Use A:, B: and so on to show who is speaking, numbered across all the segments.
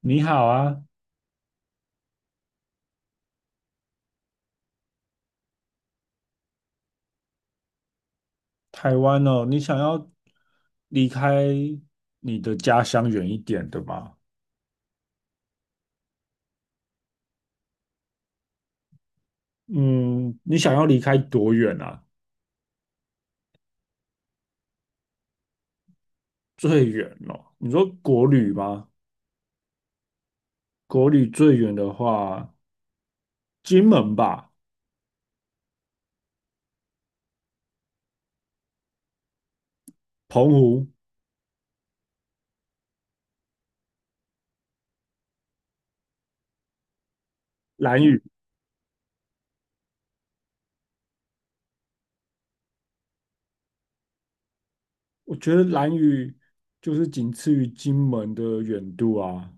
A: 你好啊，台湾哦，你想要离开你的家乡远一点的吗？嗯，你想要离开多远啊？最远哦，你说国旅吗？国旅最远的话，金门吧，澎湖、兰屿，我觉得兰屿就是仅次于金门的远度啊。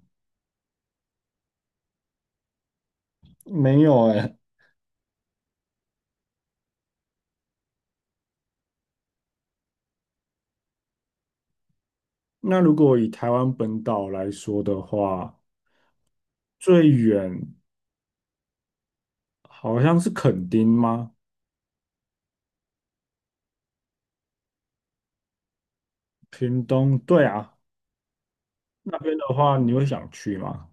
A: 没有哎，那如果以台湾本岛来说的话，最远好像是垦丁吗？屏东，对啊，那边的话，你会想去吗？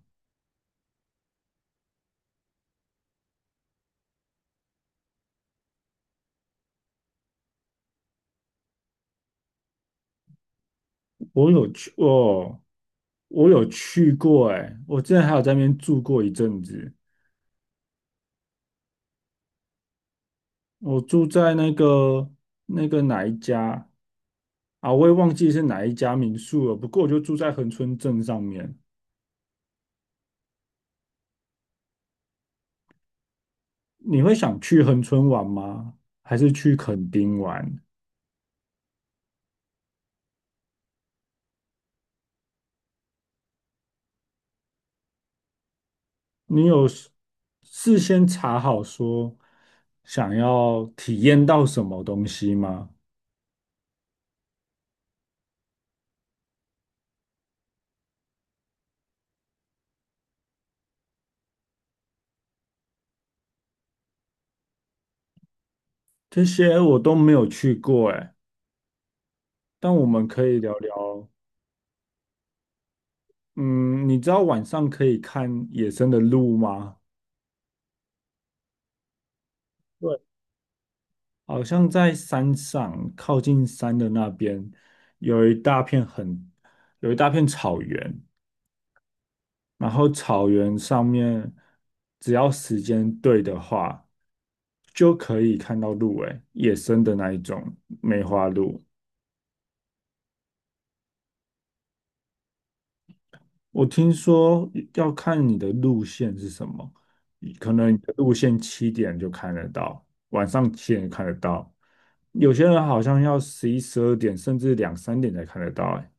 A: 我有去，哦，我有去过、欸，哎，我之前还有在那边住过一阵子，我住在那个哪一家啊，我也忘记是哪一家民宿了，不过我就住在恒春镇上面。你会想去恒春玩吗？还是去垦丁玩？你有事先查好说想要体验到什么东西吗？这些我都没有去过哎，但我们可以聊聊。嗯，你知道晚上可以看野生的鹿吗？对，好像在山上，靠近山的那边有一大片很有一大片草原，然后草原上面只要时间对的话，就可以看到鹿哎，野生的那一种梅花鹿。我听说要看你的路线是什么，可能你的路线七点就看得到，晚上七点看得到，有些人好像要十一、十二点，甚至两三点才看得到。哎，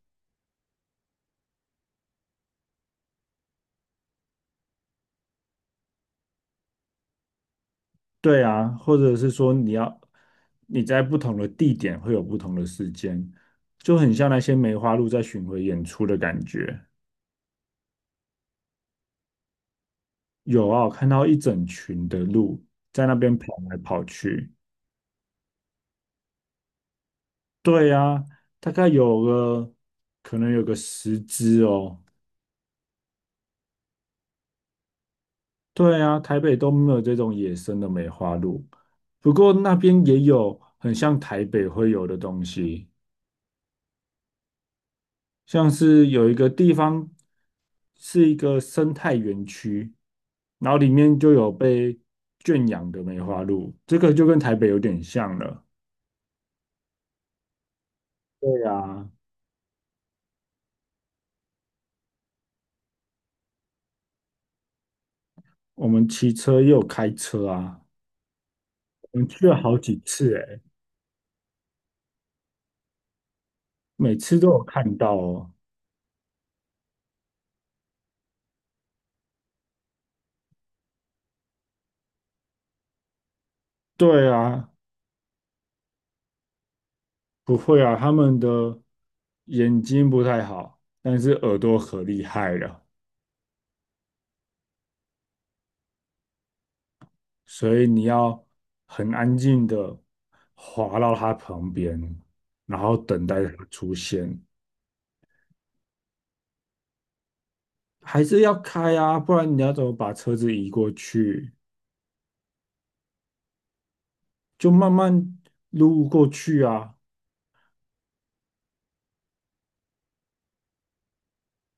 A: 对啊，或者是说你在不同的地点会有不同的时间，就很像那些梅花鹿在巡回演出的感觉。有啊，我看到一整群的鹿在那边跑来跑去。对呀，大概有个可能有个十只哦。对啊，台北都没有这种野生的梅花鹿，不过那边也有很像台北会有的东西，像是有一个地方是一个生态园区，然后里面就有被圈养的梅花鹿，这个就跟台北有点像了。对啊，我们骑车又有开车啊，我们去了好几次诶，每次都有看到哦。对啊，不会啊，他们的眼睛不太好，但是耳朵可厉害了，所以你要很安静的滑到它旁边，然后等待它出现，还是要开啊，不然你要怎么把车子移过去？就慢慢撸过去啊，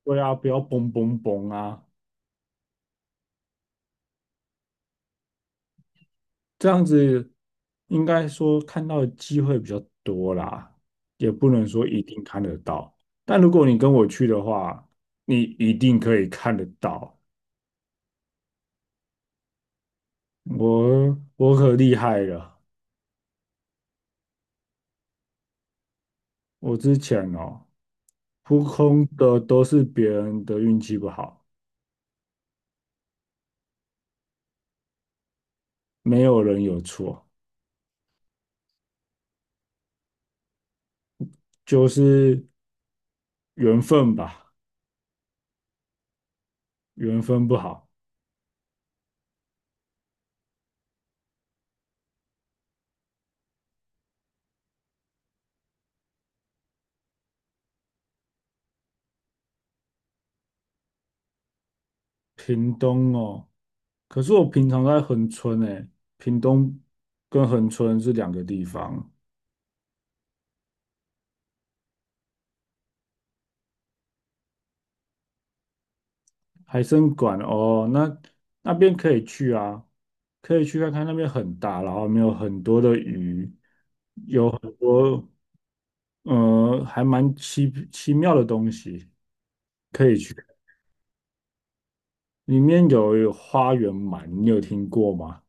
A: 对啊，不要嘣嘣嘣啊。这样子应该说看到的机会比较多啦，也不能说一定看得到。但如果你跟我去的话，你一定可以看得到。我可厉害了，我之前哦，扑空的都是别人的运气不好，没有人有错，就是缘分吧，缘分不好。屏东哦，可是我平常在恒春诶，屏东跟恒春是两个地方。海参馆哦，那边可以去啊，可以去看看，那边很大，然后没有很多的鱼，还蛮奇奇妙的东西可以去。里面有花园鳗，你有听过吗？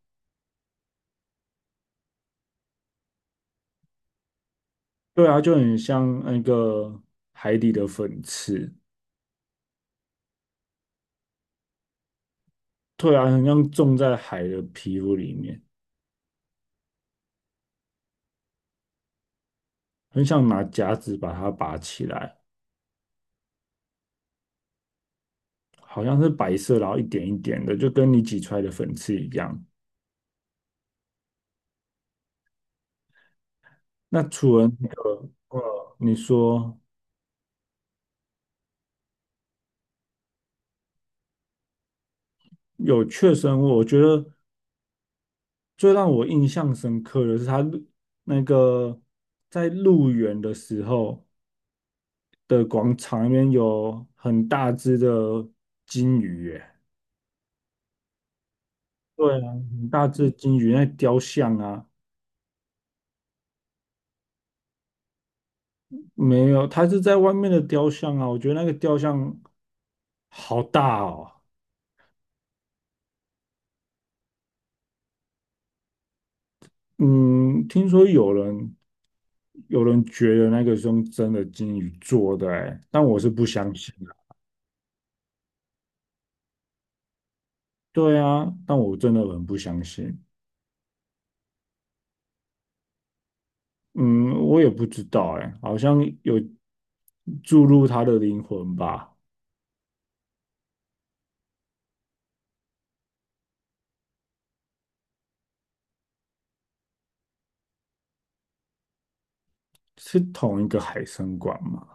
A: 对啊，就很像那个海底的粉刺，对啊，很像种在海的皮肤里面，很想拿夹子把它拔起来，好像是白色，然后一点一点的，就跟你挤出来的粉刺一样。那除了那个，你说有确生物，我觉得最让我印象深刻的是他入那个在入园的时候的广场里面有很大只的金鱼耶，对啊，很大只的金鱼，那雕像啊，没有，它是在外面的雕像啊，我觉得那个雕像好大哦，嗯，听说有人觉得那个是用真的金鱼做的、欸，但我是不相信的。对啊，但我真的很不相信。嗯，我也不知道、欸，哎，好像有注入它的灵魂吧？是同一个海参馆吗？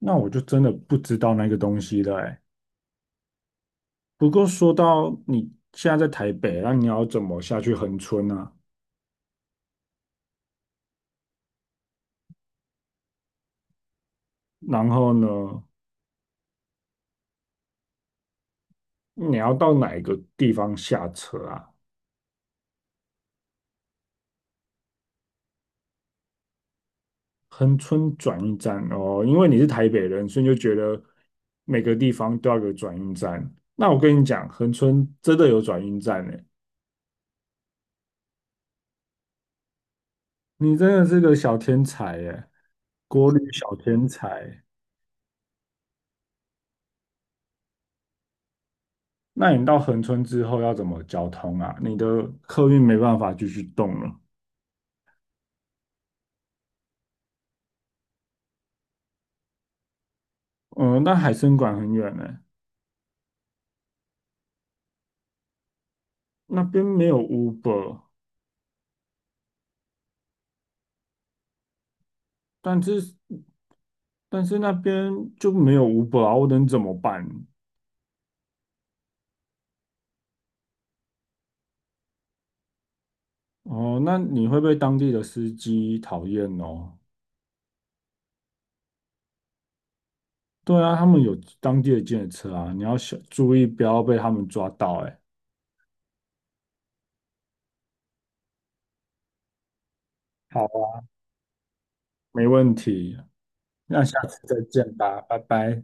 A: 那我就真的不知道那个东西了、欸。不过说到你现在在台北，那你要怎么下去恒村啊？然后呢，你要到哪一个地方下车啊？恒春转运站哦，因为你是台北人，所以就觉得每个地方都要有转运站。那我跟你讲，恒春真的有转运站呢，你真的是个小天才耶，国旅小天才。那你到恒春之后要怎么交通啊？你的客运没办法继续动了。嗯，那海参馆很远呢，那边没有 Uber，但是但是那边就没有 Uber 啊，我能怎么办？哦，那你会被当地的司机讨厌哦？对啊，他们有当地的检车啊，你要小注意，不要被他们抓到。哎，好，没问题，那下次再见吧，拜拜。